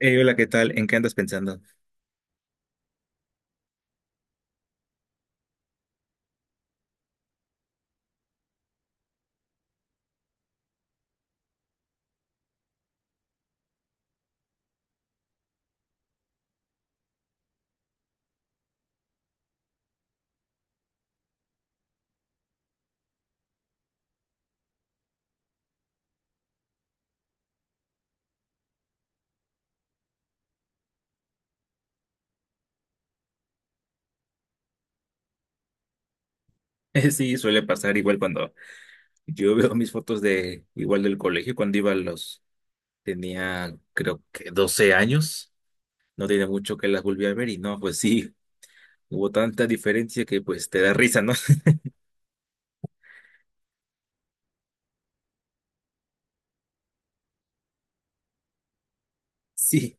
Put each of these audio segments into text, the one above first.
Hey, hola, ¿qué tal? ¿En qué andas pensando? Sí, suele pasar igual cuando yo veo mis fotos de igual del colegio, cuando tenía creo que 12 años. No tiene mucho que las volví a ver y no, pues sí, hubo tanta diferencia que pues te da risa, ¿no? Sí,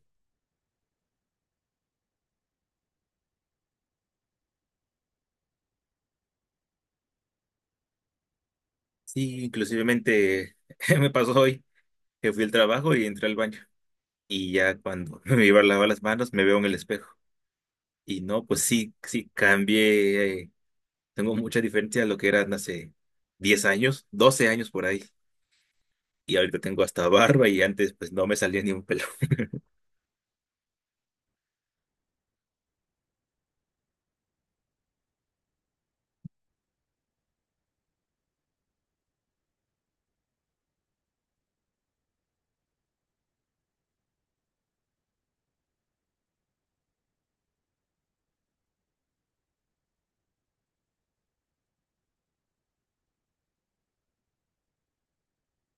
sí, inclusivemente me pasó hoy que fui al trabajo y entré al baño y ya cuando me iba a lavar las manos me veo en el espejo y no, pues sí, sí, cambié, tengo mucha diferencia a lo que era hace 10 años, 12 años por ahí. Y ahorita tengo hasta barba y antes pues no me salía ni un pelo.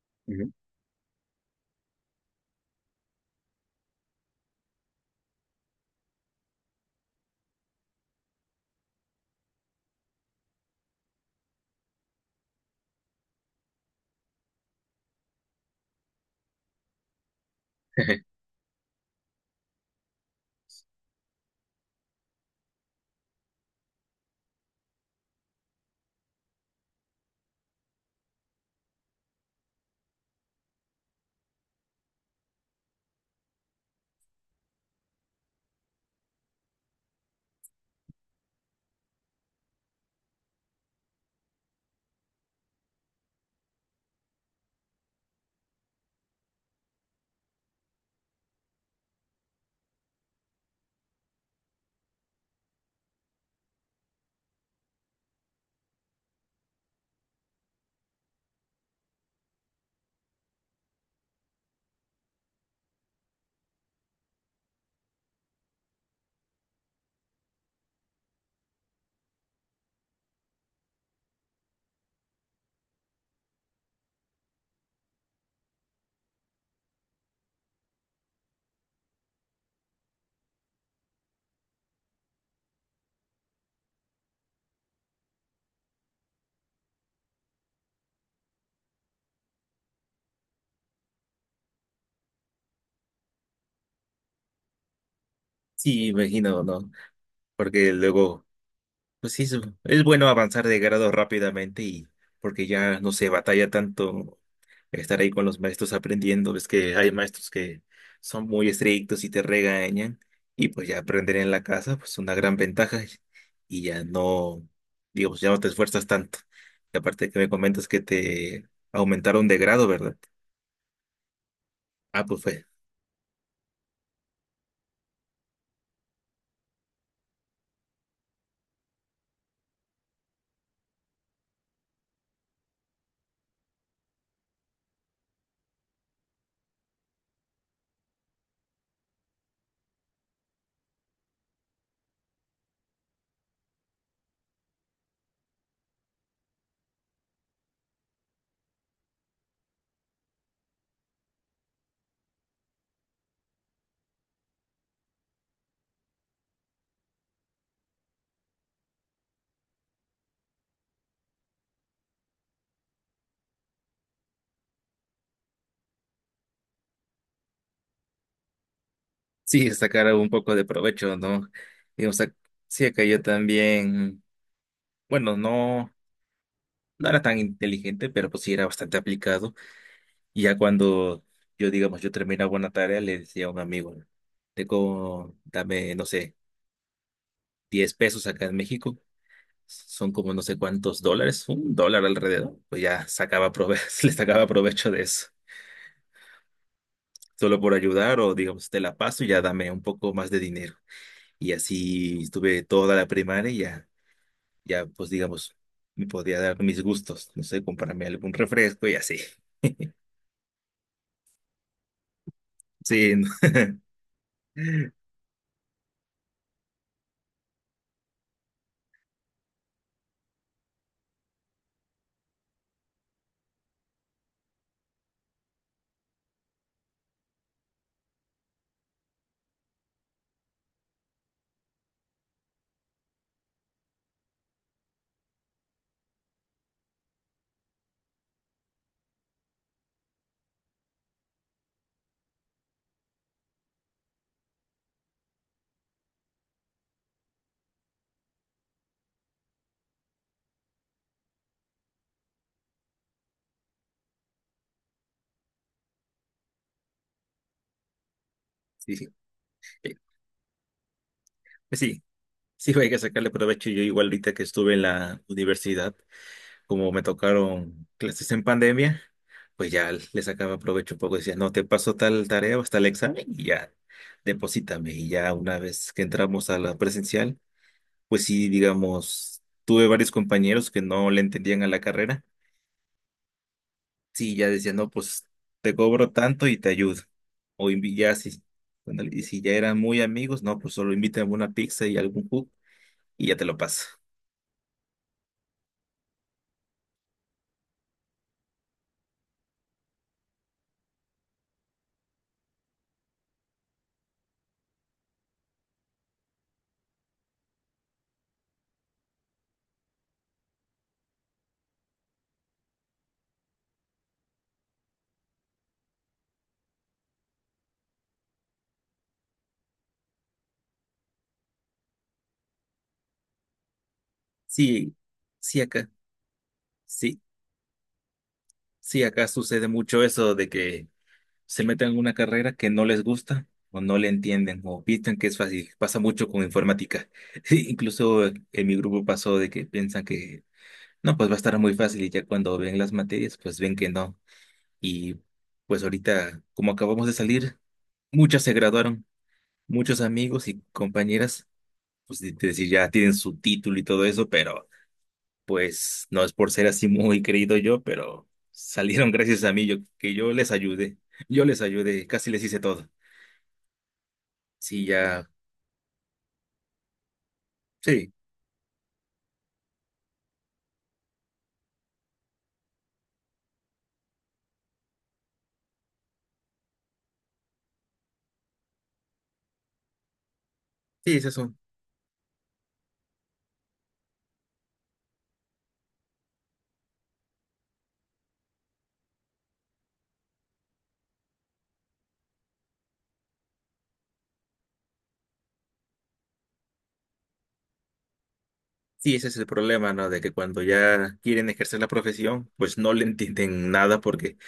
Ujú. Sí, imagino, ¿no? Porque luego, pues sí, es bueno avanzar de grado rápidamente y porque ya no se batalla tanto estar ahí con los maestros aprendiendo. Ves que hay maestros que son muy estrictos y te regañan, y pues ya aprender en la casa pues una gran ventaja, y ya no, digamos, ya no te esfuerzas tanto. Y aparte que me comentas que te aumentaron de grado, ¿verdad? Ah, pues fue. Sí, sacar un poco de provecho, ¿no? Y, o sea, sí, acá yo también, bueno, no, no era tan inteligente, pero pues sí era bastante aplicado. Y ya cuando yo, digamos, yo terminaba una tarea, le decía a un amigo, dame, no sé, 10 pesos acá en México, son como no sé cuántos dólares, un dólar alrededor, pues ya sacaba prove le sacaba provecho de eso, solo por ayudar o digamos, te la paso y ya dame un poco más de dinero. Y así estuve toda la primaria, ya pues digamos, me podía dar mis gustos, no sé, comprarme algún refresco y así. Sí, no. Sí, sí. Eh, pues sí, sí, hay que sacarle provecho. Yo igual ahorita que estuve en la universidad, como me tocaron clases en pandemia, pues ya le sacaba provecho un poco. Decía, no, te paso tal tarea o tal examen y ya, deposítame. Y ya una vez que entramos a la presencial, pues sí, digamos, tuve varios compañeros que no le entendían a la carrera. Sí, ya decía, no, pues te cobro tanto y te ayudo. Ya si, y si ya eran muy amigos, no, pues solo invítame una pizza y algún jugo y ya te lo paso. Sí, sí acá, sí, sí acá sucede mucho eso de que se meten en una carrera que no les gusta o no le entienden o piensan que es fácil. Pasa mucho con informática. Incluso en mi grupo pasó de que piensan que no, pues va a estar muy fácil, y ya cuando ven las materias, pues ven que no. Y pues ahorita, como acabamos de salir. Muchas se graduaron, muchos amigos y compañeras, pues de decir, ya tienen su título y todo eso, pero pues no es por ser así muy creído yo, pero salieron gracias a mí, yo, que yo les ayudé, casi les hice todo. Sí, ya, sí, sí, ese es el problema, ¿no? De que cuando ya quieren ejercer la profesión, pues no le entienden nada porque,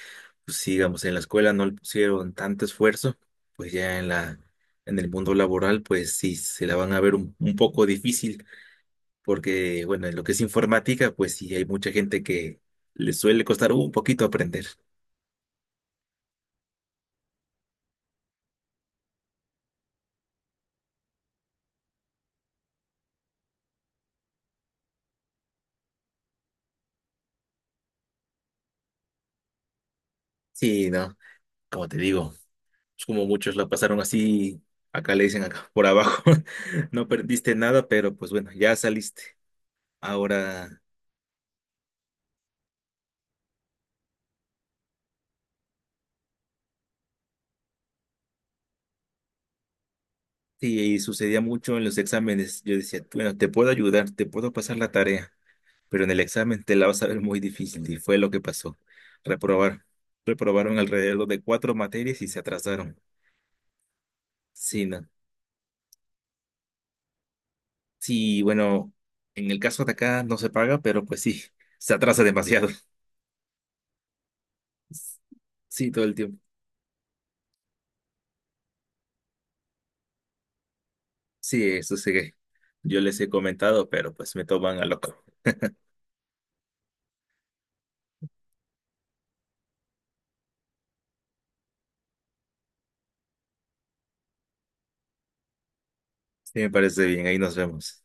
pues, si, digamos, en la escuela no le pusieron tanto esfuerzo, pues ya en la, en el mundo laboral, pues sí, se la van a ver un poco difícil. Porque, bueno, en lo que es informática, pues sí, hay mucha gente que le suele costar un poquito aprender. Sí, ¿no? Como te digo, es como muchos la pasaron así, acá le dicen acá por abajo, no perdiste nada, pero pues bueno, ya saliste. Ahora, sí, y sucedía mucho en los exámenes. Yo decía, bueno, te puedo ayudar, te puedo pasar la tarea, pero en el examen te la vas a ver muy difícil, y fue lo que pasó. Reprobar. Reprobaron alrededor de cuatro materias y se atrasaron. Sí, ¿no? Sí, bueno, en el caso de acá no se paga, pero pues sí, se atrasa demasiado. Sí, todo el tiempo. Sí, eso sí que yo les he comentado, pero pues me toman a loco. Sí, me parece bien, ahí nos vemos.